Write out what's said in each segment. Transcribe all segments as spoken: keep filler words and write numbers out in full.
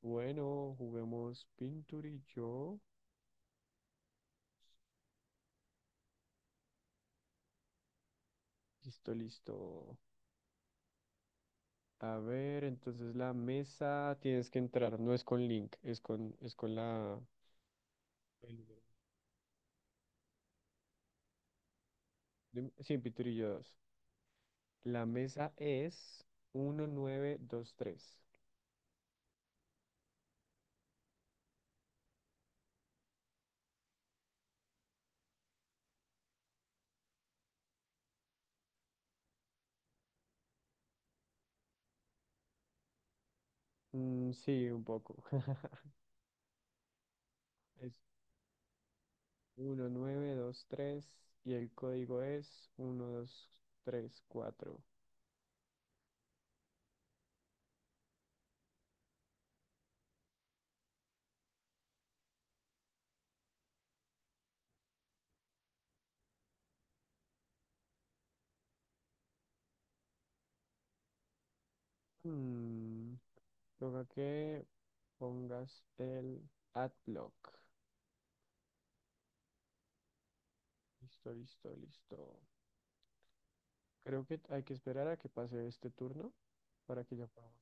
Bueno, juguemos pinturillo. Listo, listo. A ver, entonces la mesa tienes que entrar, no es con link, es con, es con la... el número. dim- Sí, pinturillo dos. La mesa es uno nueve dos tres. Mm, sí, un poco. Es uno nueve dos tres y el código es uno dos tres cuatro. Mm, Toca que pongas el adblock. Listo, listo, listo. Creo que hay que esperar a que pase este turno para que ya podamos.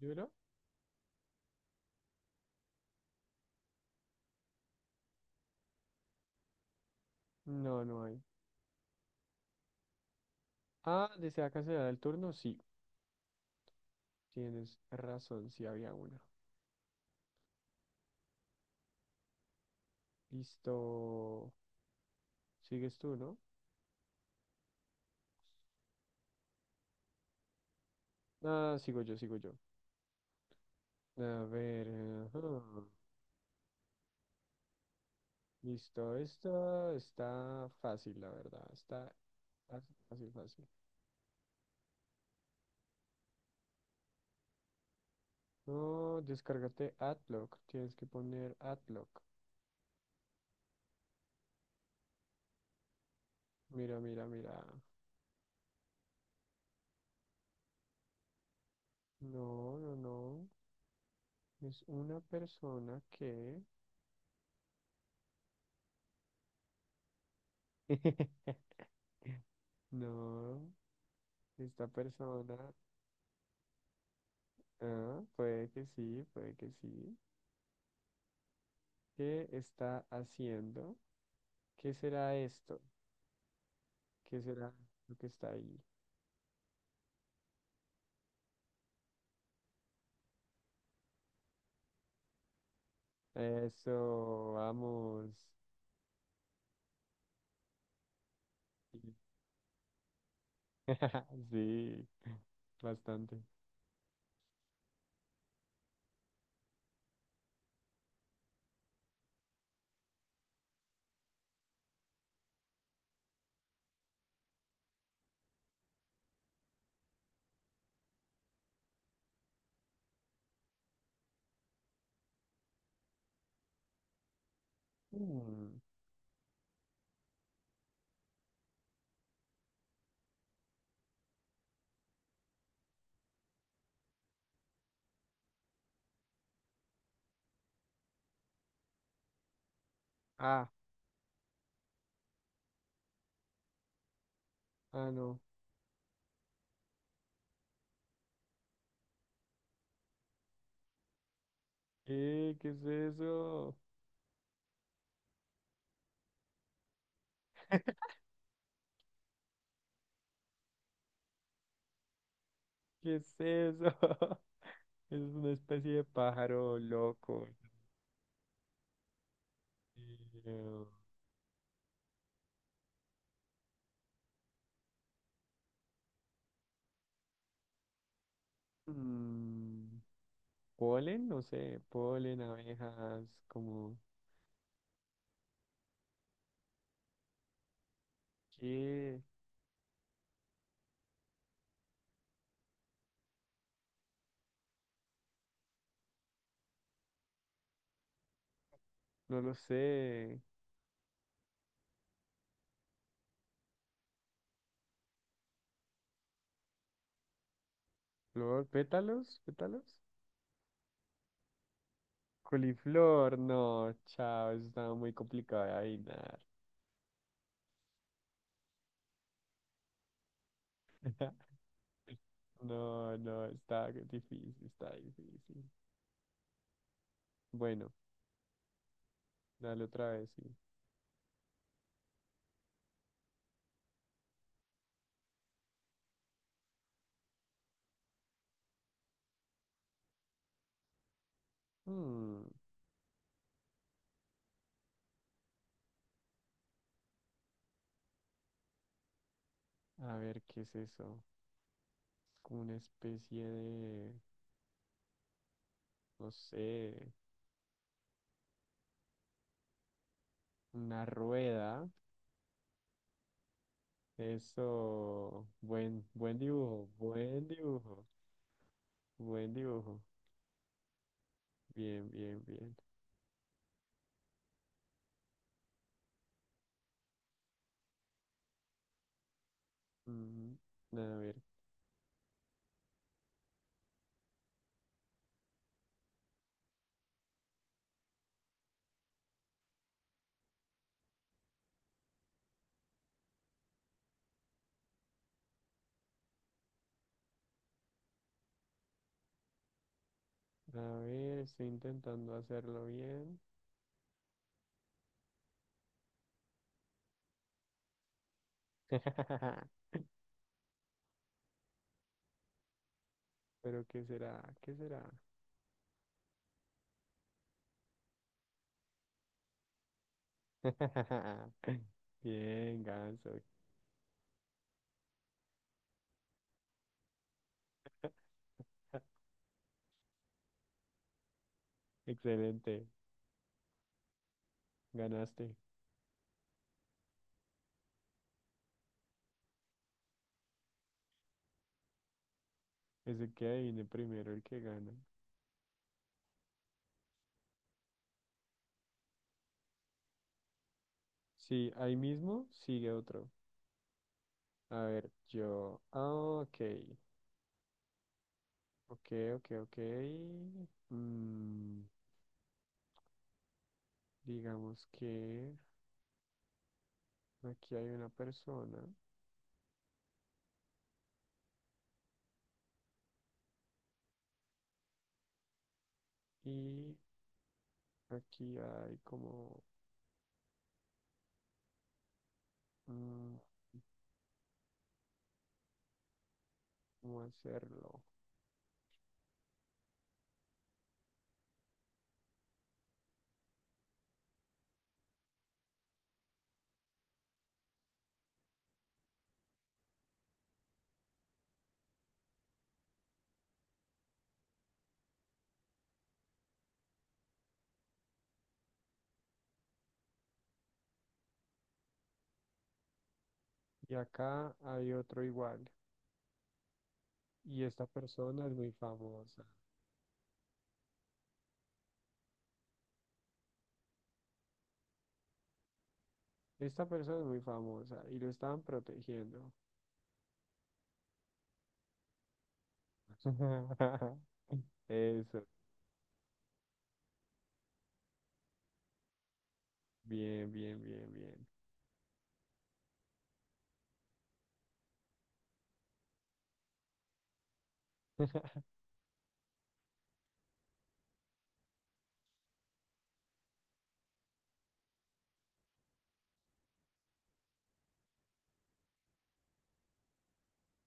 ¿Yura? No, no hay. Ah, ¿desea cancelar el turno? Sí, tienes razón, sí había una. Listo. ¿Sigues tú, no? Ah, sigo yo, sigo yo. A ver. Ajá. Listo, esto está fácil, la verdad. Está fácil, fácil, fácil. No, descárgate Adlock. Tienes que poner Adlock. Mira, mira, mira. No, no, no. Es una persona que... No, esta persona... Ah, puede que sí, puede que sí. ¿Qué está haciendo? ¿Qué será esto? ¿Qué será lo que está ahí? Eso, vamos. Sí, sí, bastante. Mm. Ah, ah, no. Eh, ¿qué es eso? ¿Qué es eso? Es una especie de pájaro loco. Dios mío. Mm, Polen, no sé, polen, abejas, como qué, no lo sé. Flor, pétalos, pétalos. Coliflor, no, chao, eso estaba muy complicado de adivinar. No, no, está difícil, está difícil. Bueno, dale otra vez, sí. Mm, a ver, ¿qué es eso? Como una especie de, no sé, una rueda. Eso, buen, buen dibujo, buen dibujo, buen dibujo. Bien, bien, bien. Ujú. A ver, a ver, estoy intentando hacerlo bien. Pero ¿qué será? ¿Qué será? Bien, ganso. Excelente. Ganaste. Es el que adivine primero el que gana. Sí, ahí mismo sigue otro. A ver, yo. Ah, ok. Ok, ok, ok. Mm, Digamos que aquí hay una persona y aquí hay como, mm, ¿cómo hacerlo? Y acá hay otro igual. Y esta persona es muy famosa. Esta persona es muy famosa y lo estaban protegiendo. Eso. Bien, bien, bien, bien.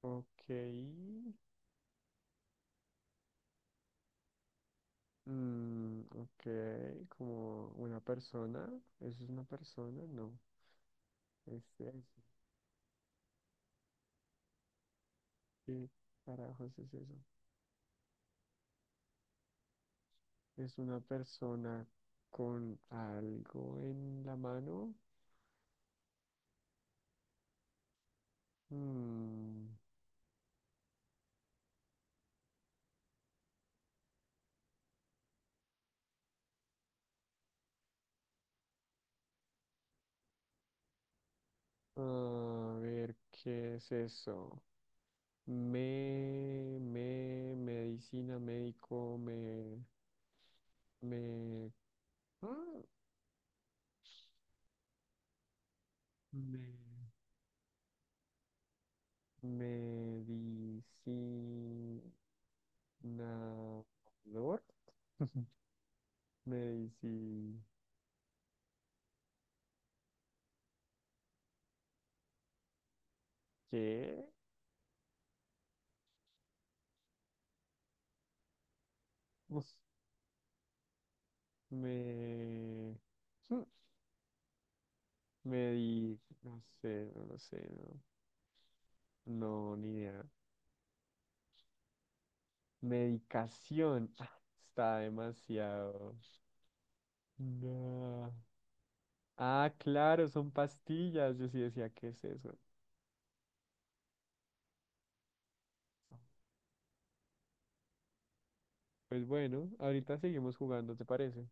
Ok. Mm, ok. Como una persona. ¿Eso es una persona? No. Este es eso. ¿Qué carajos es eso? Es una persona con algo en la mano. Mm, a ver, ¿qué es eso? Me, me, medicina, médico, me, me, ah, me, medicinador, medici, ¿qué? Uf, me, me di, no sé, no lo sé, no. No, ni idea. Medicación. Ah, está demasiado. No. Ah, claro, son pastillas. Yo sí decía, ¿qué es eso? Pues bueno, ahorita seguimos jugando, ¿te parece?